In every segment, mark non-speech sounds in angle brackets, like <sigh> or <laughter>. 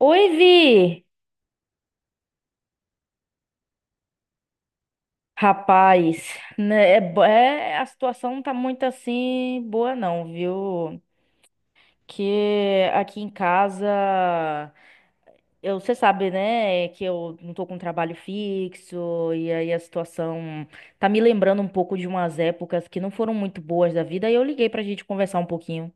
Oi, Vi! Rapaz, né, a situação não tá muito assim boa não, viu? Que aqui em casa, eu, você sabe, né, que eu não tô com trabalho fixo, e aí a situação tá me lembrando um pouco de umas épocas que não foram muito boas da vida, e eu liguei pra gente conversar um pouquinho.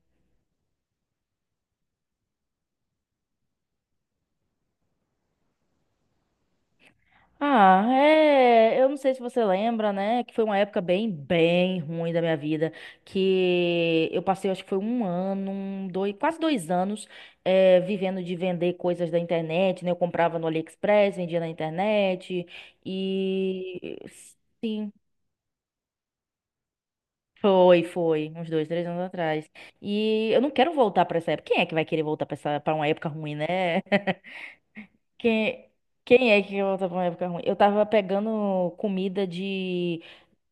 Ah, é. Eu não sei se você lembra, né? Que foi uma época bem, bem ruim da minha vida. Que eu passei, acho que foi um ano, um, dois, quase 2 anos, vivendo de vender coisas da internet, né? Eu comprava no AliExpress, vendia na internet. E. Sim. Foi, foi. Uns dois, três anos atrás. E eu não quero voltar pra essa época. Quem é que vai querer voltar pra essa, pra uma época ruim, né? <laughs> Quem, quem é que volta pra uma época ruim? Eu tava pegando comida de.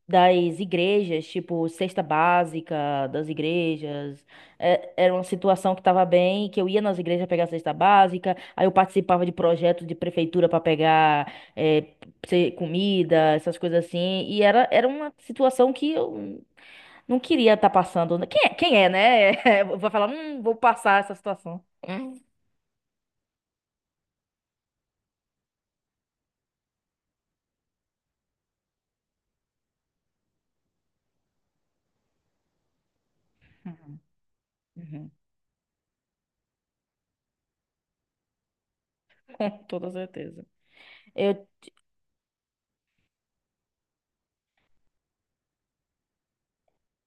Das igrejas, tipo, cesta básica das igrejas. É, era uma situação que estava bem, que eu ia nas igrejas pegar cesta básica, aí eu participava de projetos de prefeitura para pegar comida, essas coisas assim. E era uma situação que eu não queria estar passando. Quem é, né? <laughs> Eu vou falar, vou passar essa situação. Hum. Uhum. <laughs> Com toda certeza.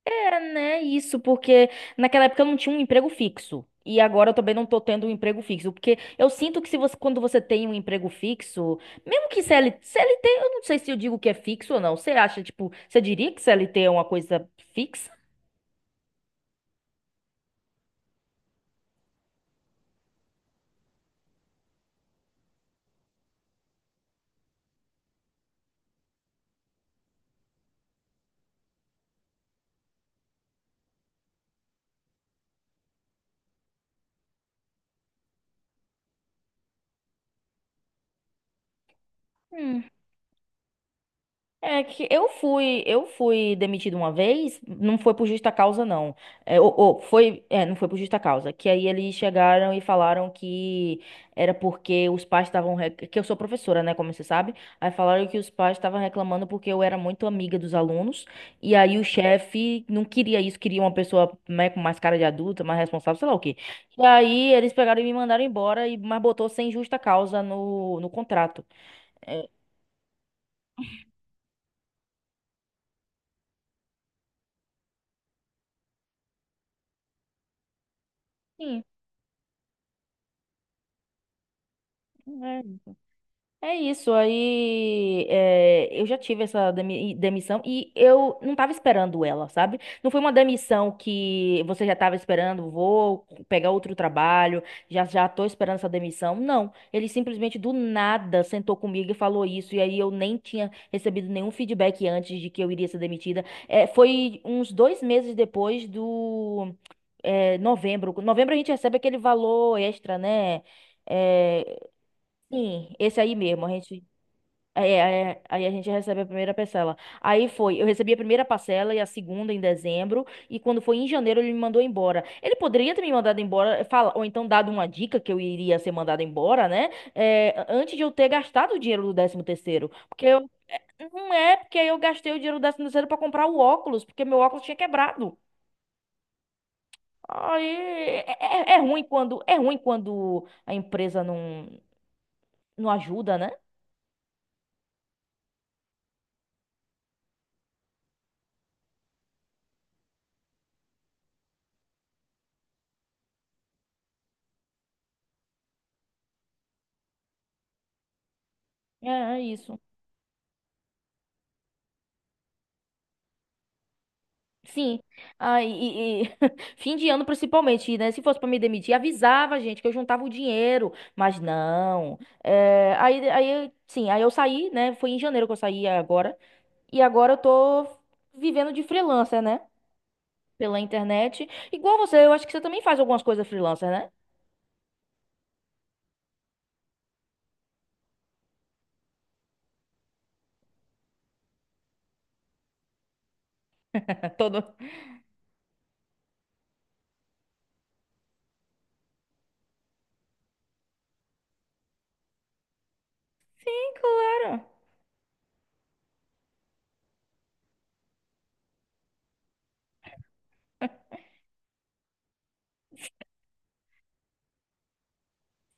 É, né, isso, porque naquela época eu não tinha um emprego fixo. E agora eu também não tô tendo um emprego fixo, porque eu sinto que se você, quando você tem um emprego fixo, mesmo que CLT, eu não sei se eu digo que é fixo ou não. Você acha, tipo, você diria que CLT é uma coisa fixa? É que eu fui demitido uma vez, não foi por justa causa, não. É, foi, não foi por justa causa. Que aí eles chegaram e falaram que era porque os pais estavam. Que eu sou professora, né? Como você sabe. Aí falaram que os pais estavam reclamando porque eu era muito amiga dos alunos. E aí o chefe não queria isso, queria uma pessoa, né, com mais cara de adulta, mais responsável, sei lá o quê. E aí eles pegaram e me mandaram embora, e, mas botou sem justa causa no contrato. É. Sim. É isso, aí é, eu já tive essa demissão e eu não tava esperando ela, sabe? Não foi uma demissão que você já tava esperando, vou pegar outro trabalho, já tô esperando essa demissão. Não, ele simplesmente do nada sentou comigo e falou isso, e aí eu nem tinha recebido nenhum feedback antes de que eu iria ser demitida. É, foi uns 2 meses depois do novembro. Novembro a gente recebe aquele valor extra, né? É, sim, esse aí mesmo, a gente. Aí a gente recebe a primeira parcela. Aí foi, eu recebi a primeira parcela e a segunda em dezembro, e quando foi em janeiro ele me mandou embora. Ele poderia ter me mandado embora, fala, ou então dado uma dica que eu iria ser mandado embora, né? É, antes de eu ter gastado o dinheiro do décimo terceiro, porque eu não é porque eu gastei o dinheiro do décimo terceiro para comprar o óculos, porque meu óculos tinha quebrado. Aí é, é ruim quando a empresa não ajuda, né? É, é isso. Sim. Ah, e <laughs> fim de ano principalmente, né? Se fosse pra me demitir, avisava, gente, que eu juntava o dinheiro, mas não. É, sim, aí eu saí, né? Foi em janeiro que eu saí agora. E agora eu tô vivendo de freelancer, né? Pela internet. Igual você, eu acho que você também faz algumas coisas freelancer, né? <laughs> Todo. Sim, claro.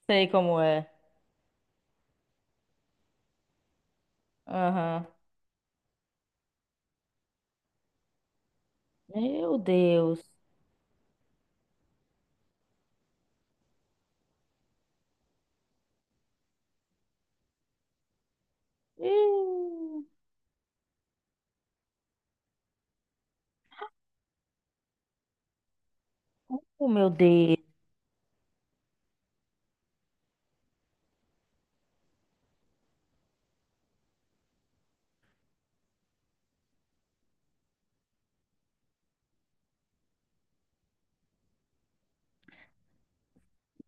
Sei como é. Aham. Meu Deus. Ih. Oh, meu Deus.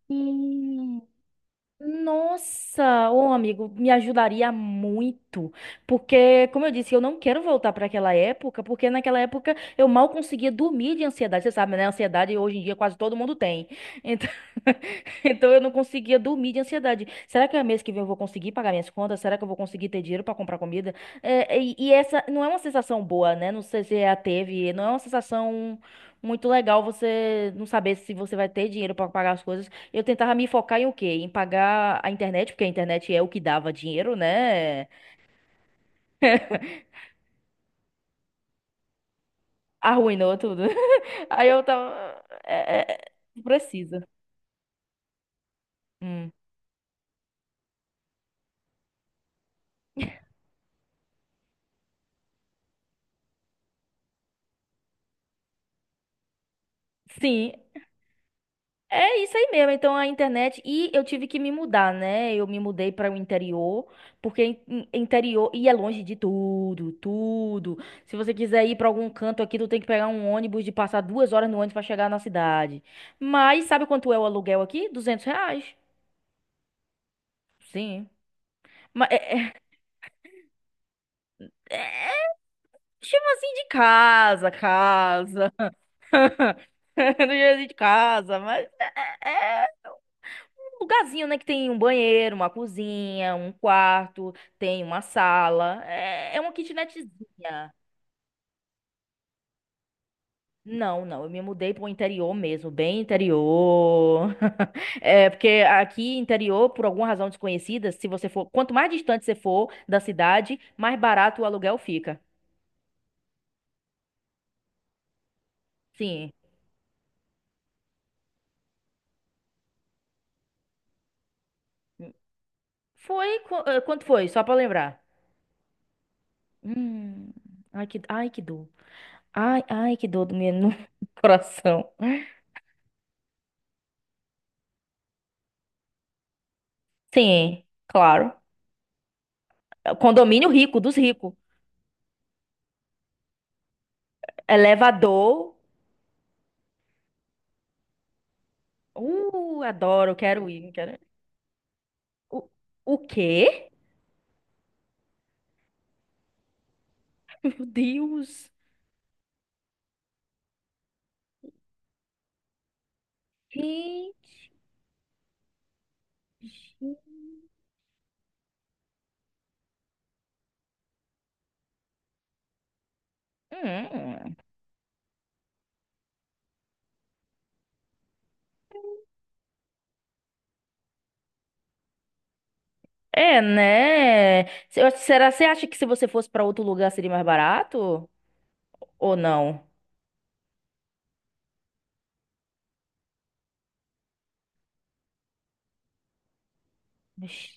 Ih. Nossa, ô amigo, me ajudaria muito, porque, como eu disse, eu não quero voltar para aquela época, porque naquela época eu mal conseguia dormir de ansiedade, você sabe, né? Ansiedade hoje em dia quase todo mundo tem. Então, <laughs> então eu não conseguia dormir de ansiedade. Será que é mês que vem eu vou conseguir pagar minhas contas? Será que eu vou conseguir ter dinheiro para comprar comida? É, e essa não é uma sensação boa, né? Não sei se você a teve, não é uma sensação muito legal você não saber se você vai ter dinheiro para pagar as coisas. Eu tentava me focar em o quê? Em pagar a internet, porque a internet é o que dava dinheiro, né? Arruinou tudo. <laughs> Aí eu tava. Precisa. Hum. Sim, é isso aí mesmo. Então a internet. E eu tive que me mudar, né? Eu me mudei para o interior, porque interior. E é longe de tudo, tudo. Se você quiser ir para algum canto aqui, tu tem que pegar um ônibus de passar 2 horas no ônibus para chegar na cidade. Mas sabe quanto é o aluguel aqui? R$ 200. Sim. Mas. Chama assim de casa, casa. <laughs> Do jeito de casa, mas é um lugarzinho, né? Que tem um banheiro, uma cozinha, um quarto, tem uma sala. É uma kitnetzinha. Não, não, eu me mudei pro interior mesmo, bem interior. <laughs> É, porque aqui interior, por alguma razão desconhecida, se você for, quanto mais distante você for da cidade, mais barato o aluguel fica. Sim. Quanto foi? Só pra lembrar. Hum, ai que dor. Ai, ai que dor do meu no <laughs> coração. Sim, claro. Condomínio rico, dos ricos. Elevador. Adoro, quero ir. Quero ir. O, o quê? <laughs> Meu Deus. Gente. Hum. É, né? Será, você acha que se você fosse pra outro lugar seria mais barato? Ou não? Ixi.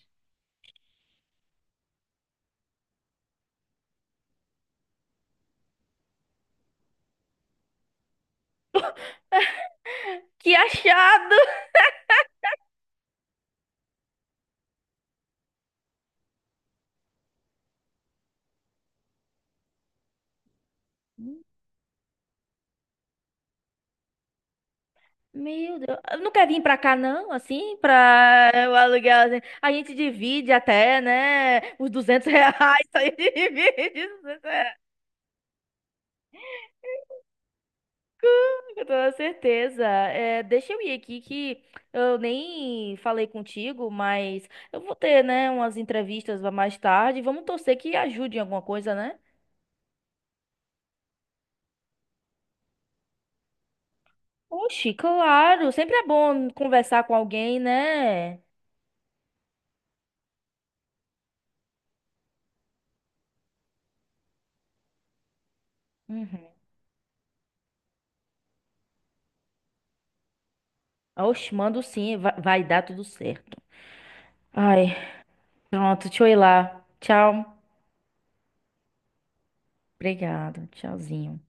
Que achado! Meu Deus. Não quer vir pra cá, não? Assim, pra o aluguel. Assim? A gente divide até, né? Os 200 <laughs> reais. A gente divide os R$ 200. Com toda certeza. É, deixa eu ir aqui que eu nem falei contigo, mas eu vou ter, né, umas entrevistas mais tarde. Vamos torcer que ajude em alguma coisa, né? Oxi, claro. Sempre é bom conversar com alguém, né? Uhum. Oxi, mando sim. Vai, vai dar tudo certo. Ai. Pronto, deixa eu ir lá. Tchau. Obrigada. Tchauzinho.